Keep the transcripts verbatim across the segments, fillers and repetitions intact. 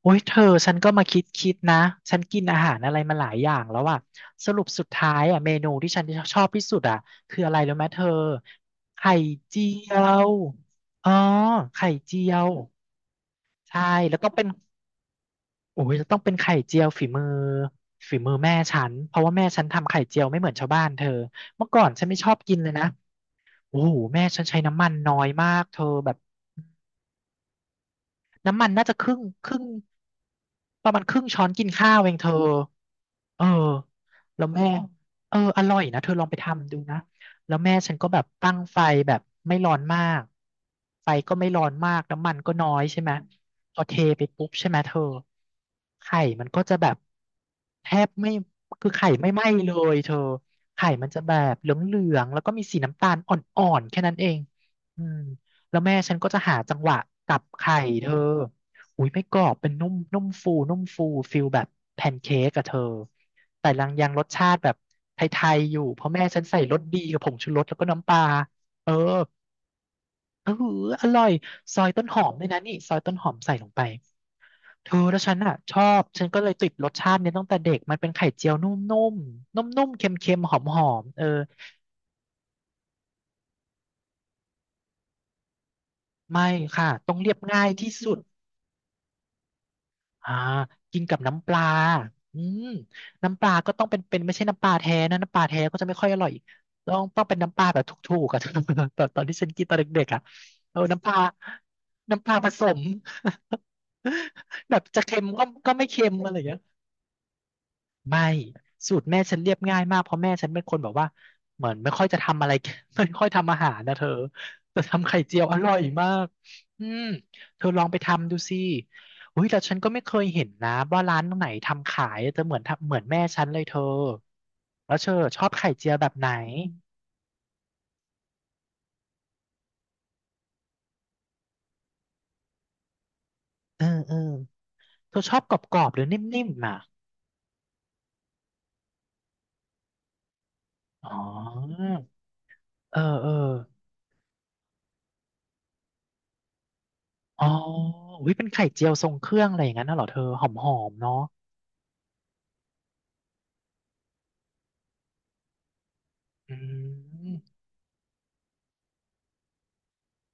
โอ้ยเธอฉันก็มาคิดคิดนะฉันกินอาหารอะไรมาหลายอย่างแล้วอะสรุปสุดท้ายอะเมนูที่ฉันชอบที่สุดอะคืออะไรรู้ไหมเธอไข่เจียวอ๋อไข่เจียวใช่แล้วต้องเป็นโอ้ยจะต้องเป็นไข่เจียวฝีมือฝีมือแม่ฉันเพราะว่าแม่ฉันทำไข่เจียวไม่เหมือนชาวบ้านเธอเมื่อก่อนฉันไม่ชอบกินเลยนะโอ้โหแม่ฉันใช้น้ำมันน้อยมากเธอแบบ น้ำมันน่าจะครึ่งครึ่งประมาณครึ่งช้อนกินข้าวเองเธอเออแล้วแม่เอออร่อยนะเธอลองไปทำดูนะแล้วแม่ฉันก็แบบตั้งไฟแบบไม่ร้อนมากไฟก็ไม่ร้อนมากน้ำมันก็น้อยใช่ไหมพอเทไปปุ๊บใช่ไหมเธอไข่มันก็จะแบบแทบไม่คือไข่ไม่ไหม้เลยเธอไข่มันจะแบบเหลืองๆแล้วก็มีสีน้ำตาลอ่อนๆแค่นั้นเองอืม แล้วแม่ฉันก็จะหาจังหวะตับไข่เธอ อุ้ยไม่กรอบเป็นนุ่มนุ่มฟูนุ่มฟู ฟิลแบบแพนเค้กอะเธอ แต่ยังยังรสชาติแบบไทยๆอยู่ เพราะแม่ฉันใส่รสดีกับผงชูรสแล้วก็น้ำปลาเออเอออร่อยซอยต้นหอมด้วยนะนี่ซอยต้นหอมใส่ลงไป เธอแล้วฉันอ่ะชอบ ฉันก็เลยติดรสชาตินี้ตั้งแต่เด็กมันเป็นไข่เจียวนุ่มๆนุ่มๆเค็มๆหอมๆเออไม่ค่ะต้องเรียบง่ายที่สุด อ่ากินกับน้ำปลาอืมน้ำปลาก็ต้องเป็นเป็นไม่ใช่น้ำปลาแท้นะน้ำปลาแท้ก็จะไม่ค่อยอร่อยต้องต้องเป็นน้ำปลาแบบถูกๆอะ ตอนตอนที่ฉันกินตอนเด็กๆอะเออน้ำปลาน้ำปลาผสม แบบจะเค็มก็ก็ไม่เค็มอะไรอย่างเงี้ย ไม่สูตรแม่ฉันเรียบง่ายมากเพราะแม่ฉันเป็นคนแบบว่าเหมือนไม่ค่อยจะทำอะไร ไม่ค่อยทำอาหารนะเธอแต่ทำไข่เจียวอร่อยมากอืมเธอลองไปทำดูสิอุ้ยแต่ฉันก็ไม่เคยเห็นนะว่าร้านไหนทำขายแต่เหมือนทำเหมือนแม่ฉันเลยเธอแล้วเธอชอบไข่เจียวแบบไหนเออเออเธอชอบกรอบๆหรือนิ่มๆอ่ะอ๋อเออเอออ๋ออุ้ยเป็นไข่เจียวทรงเครื่องอะไรอย่างนั้นน่ะเหรอเธอหอมๆเนาะอืม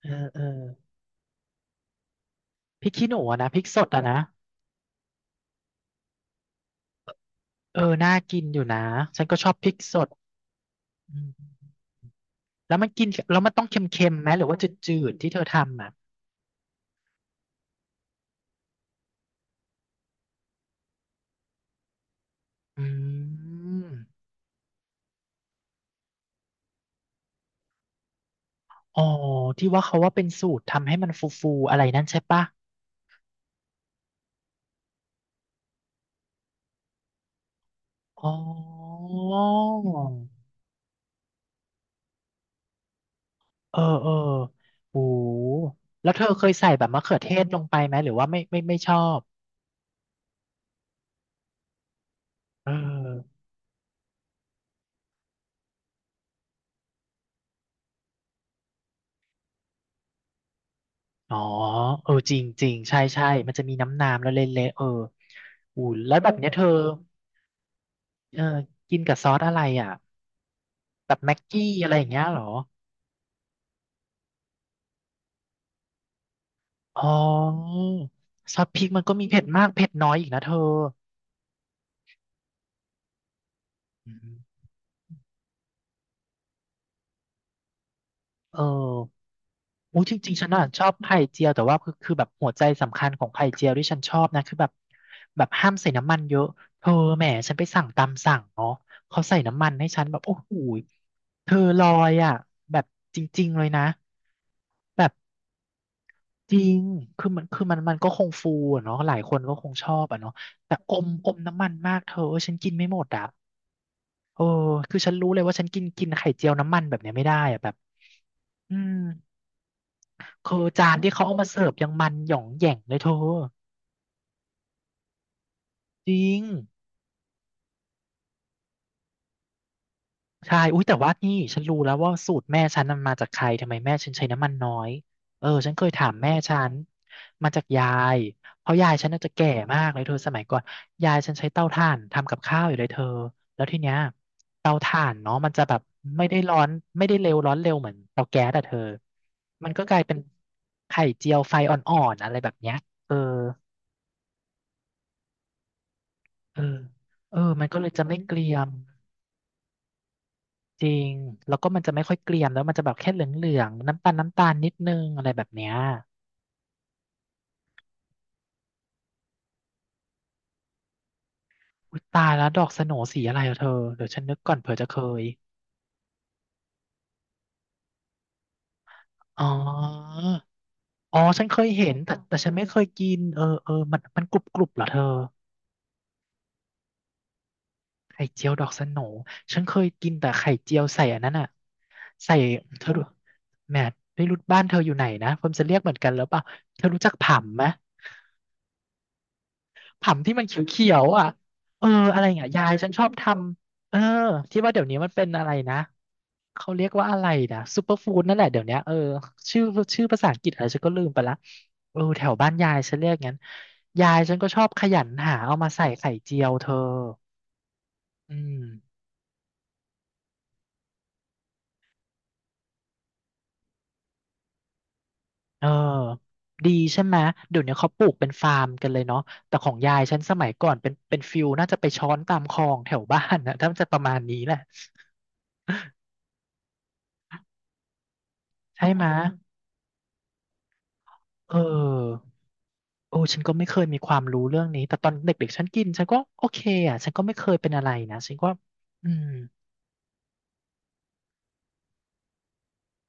เออเออพริกขี้หนูอะนะพริกสดอะนะเออน่ากินอยู่นะฉันก็ชอบพริกสดอืมแล้วมันกินแล้วมันต้องเค็มๆไหมหรือว่าจืดๆที่เธอทำอ่ะอืมอ๋อที่ว่าเขาว่าเป็นสูตรทำให้มันฟูๆอะไรนั่นใช่ปะอ๋อเออเออโอ้แล้วเธอเคยใส่แบบมะเขือเทศลงไปไหมหรือว่าไม่ไม่ไม่ชอบเอออ๋อเออจริงจริงใช่ใช่มันจะมีน้ำน้ำแล้วเละๆเอออูแล้วแบบเนี้ยเธอ เออกินกับซอสอะไรอ่ะแบบแม็กกี้อะไรอย่างเงี้ยเหรออ๋อซอสพริกมันก็มีเผ็ดมากเผ็ดน้อยอีกนะเธออืมเอออู้จริงๆ ฉันอ่ะชอบไข่เจียวแต่ว่าคือคือแบบหัวใจสำคัญของไข่เจียวที่ฉันชอบนะคือแบบแบบห้ามใส่น้ำมันเยอะ เธอแหมฉันไปสั่งตามสั่งเนาะเขาใส่น้ำมันให้ฉันแบบโอ้โห เธอลอยอ่ะแบบจริงๆเลยนะแบบ จริงคือมันคือมันมันก็คงฟูอะเนาะหลายคนก็คงชอบอะเนาะแต่อมอมน้ำมันมากเธอฉันกินไม่หมดอะเออคือฉันรู้เลยว่าฉันกินกินไข่เจียวน้ำมันแบบเนี้ยไม่ได้อะแบบ อืมคือจานที่เขาเอามาเสิร์ฟยังมันหย่องแหย่งเลยเธอ จริง ใช่อุ้ยแต่ว่านี่ฉันรู้แล้วว่าสูตรแม่ฉันมันมาจากใครทำไมแม่ฉันใช้น้ำมันน้อยเออฉันเคยถามแม่ฉันมาจากยายเพราะยายฉันน่าจะแก่มากเลยเธอสมัยก่อนยายฉันใช้เตาถ่านทำกับข้าวอยู่เลยเธอแล้วทีเนี้ยเตาถ่านเนาะมันจะแบบไม่ได้ร้อนไม่ได้เร็วร้อนเร็วเหมือนเตาแก๊สอะเธอมันก็กลายเป็นไข่เจียวไฟอ่อนๆอะไรแบบเนี้ยเออเออเออมันก็เลยจะไม่เกรียม จริงแล้วก็มันจะไม่ค่อยเกรียมแล้วมันจะแบบแค่เหลืองๆน้ำตาลน้ำตาลนิดนึงอะไรแบบเนี้ยอุ๊ยตายแล้วดอกสโหน่สีอะไรอะเธอเดี๋ยวฉันนึกก่อนเผื่อจะเคยอ๋ออ๋อฉันเคยเห็นแต่แต่ฉันไม่เคยกินเออเออมันมันกรุบกรุบเหรอเธอไข่เจียวดอกสโหน่ฉันเคยกินแต่ไข่เจียวใส่อันนั้นอ่ะใส่เธอดูแหมไม่รู้บ้านเธออยู่ไหนนะผมจะเรียกเหมือนกันหรือเปล่าเธอรู้จักผำไหม ผัมที่มันเขียวๆอ่ะเอออะไรอย่างเงี้ยยายฉันชอบทำ เออที่ว่าเดี๋ยวนี้มันเป็นอะไรนะ เขาเรียกว่าอะไรนะซูเปอร์ฟู้ดนั่นแหละเดี๋ยวเนี้ยเออชื่อชื่อภาษาอังกฤษอะไรฉันก็ลืมไปละเออแถวบ้านยายฉันเรียกงั้นยายฉันก็ชอบขยันหาเอามาใส่ไข่เจียวเธออืมเออดีใช่ไหมเดี๋ยวนี้เขาปลูกเป็นฟาร์มกันเลยเนาะแต่ของยายฉันสมัยก่อนเป็นเป็นฟิลน่าจะไปช้อนตามคลองแถวบ้านนะถ้ามันจะประมาณนี้แหละใช่ไหมยเออ โอ้ฉันก็ไม่เคยมีความรู้เรื่องนี้แต่ตอนเด็กๆฉันกินฉันก็โอเคอ่ะฉันก็ไม่เคยเป็นอะไรนะฉันก็อืม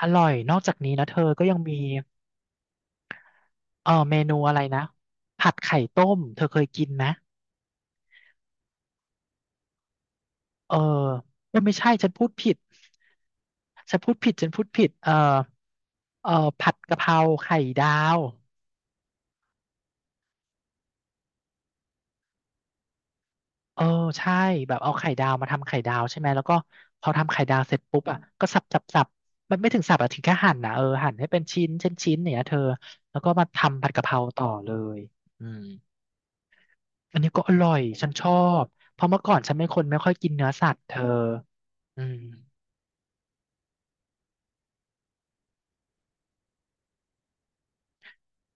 อร่อยนอกจากนี้นะเธอก็ยังมีเออเมนูอะไรนะผัดไข่ต้มเธอเคยกินไหมเออเออไม่ใช่ฉันพูดผิดฉันพูดผิดฉันพูดผิดเออเออผัดกะเพราไข่ดาว เออใช่แบบเอาไข่ดาวมาทำไข่ดาวใช่ไหมแล้วก็พอทำไข่ดาวเสร็จปุ๊บอ่ะก็สับสับสับมันไม่ถึงสับอะถึงแค่หั่นนะเออหั่นให้เป็นชิ้นชิ้นชิ้นเนี่ยเธอแล้วก็มาทำผัดกะเพราต่อเลยอืมอันนี้ก็อร่อยฉันชอบเพราะเมื่อก่อนฉันเป็นคนไม่ค่อยกินเนื้อสัตว์เธออืม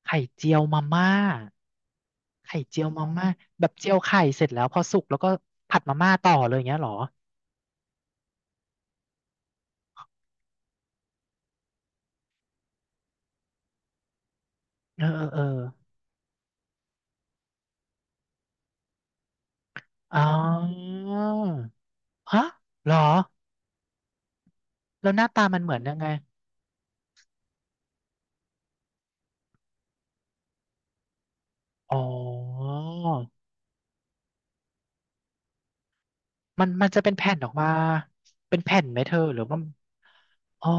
ไข่เจียวมาม่าไข่เจียวมาม่าแบบเจียวไข่เสร็จแล้วพอสุกแล้วก็ผัดมาม่าต่อเลยอย่างเงี้ยเหรอเออเออเอออ๋อฮะเหรอ แล้วหน้าตามันเหมือนยังไง อ๋อมันมันจะเป็นแผ่นออกมา เป็นแผ่นไหมเธอหรือว่าอ๋อ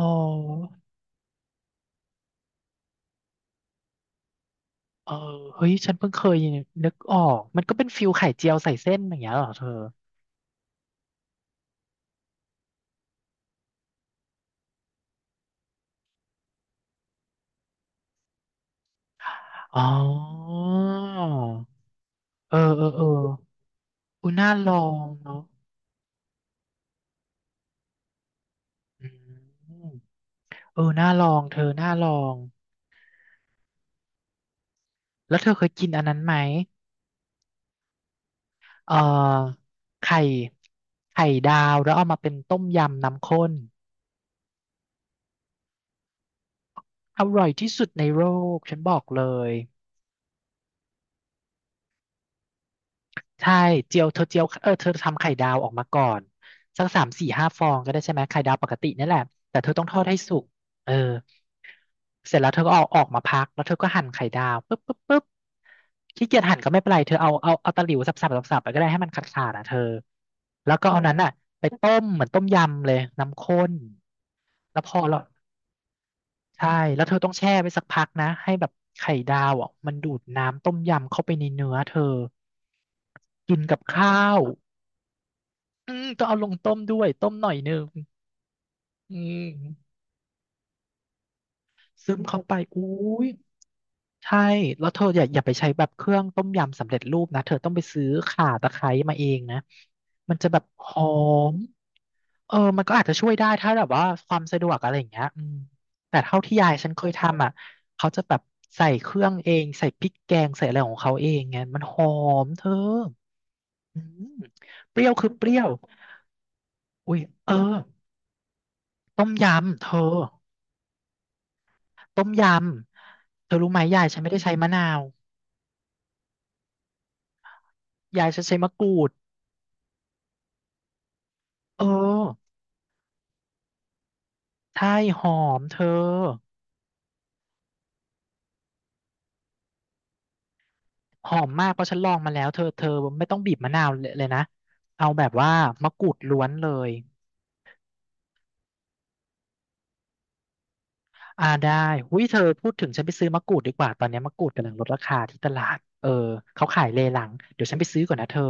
เออเฮ้ยฉันเพิ่งเคยนึกออกมันก็เป็นฟิลไข่เจียวใส่เส้นอย่างเงี้ยเหรอเธออ๋อเออเออเอออุยน่าลองเนาะอืมเออน่าลองเธอน่าลอง แล้วเธอเคยกินอันนั้นไหมเออไข่ไข่ดาวแล้วเอามาเป็นต้มยำน้ำข้น อร่อยที่สุดในโลกฉันบอกเลยใช่เจียวเธอเจียวเออเธอทำไข่ดาวออกมาก่อนสักสามสี่ห้าฟองก็ได้ใช่ไหมไข่ดาวปกตินี่แหละแต่เธอต้องทอดให้สุกเออเสร็จแล้วเธอก็เอาออกมาพักแล้วเธอก็หั่นไข่ดาวปุ๊บปุ๊บปุ๊บขี้เกียจหั่นก็ไม่เป็นไรเธอเอาเอาเอาตะหลิวสับสับสับสับไปก็ได้ให้มันขาดขาดอ่ะเธอแล้วก็เอานั้นน่ะไปต้มเหมือนต้มยำเลยน้ำข้นแล้วพอแล้ว ใช่แล้วเธอต้องแช่ไว้สักพักนะให้แบบไข่ดาวอ่ะมันดูดน้ำต้มยำเข้าไปในเนื้อเธอกินกับข้าวอืมต้องเอาลงต้มด้วยต้มหน่อยหนึงอืมซึมเข้าไปอุ้ยใช่แล้วเธออย่าอย่าไปใช้แบบเครื่องต้มยำสำเร็จรูปนะเธอต้องไปซื้อข่าตะไคร้มาเองนะมันจะแบบหอม เออมันก็อาจจะช่วยได้ถ้าแบบว่าความสะดวกอะไรอย่างเงี้ยอืมแต่เท่าที่ยายฉันเคยทำอ่ะเขาจะแบบใส่เครื่องเองใส่พริกแกงใส่อะไรของเขาเองไงมันหอมเธออืมเปรี้ยวคือเปรี้ยวอุ้ยเออต้มยำเธอต้มยำเธอรู้ไหมยายฉันไม่ได้ใช้มะนาวยายฉันใช้มะกรูดเออใช่หอมเธอหอมมากเพราะฉันลองมาแล้วเธอเธอไม่ต้องบีบมะนาวเลยนะเอาแบบว่ามะกรูดล้วนเลย อ่าได้หุ้ยเธอพูดถึงฉันไปซื้อมะกรูดดีกว่าตอนนี้มะกรูดกำลังลดราคาที่ตลาดเออเขาขายเลหลังเดี๋ยวฉันไปซื้อก่อนนะเธอ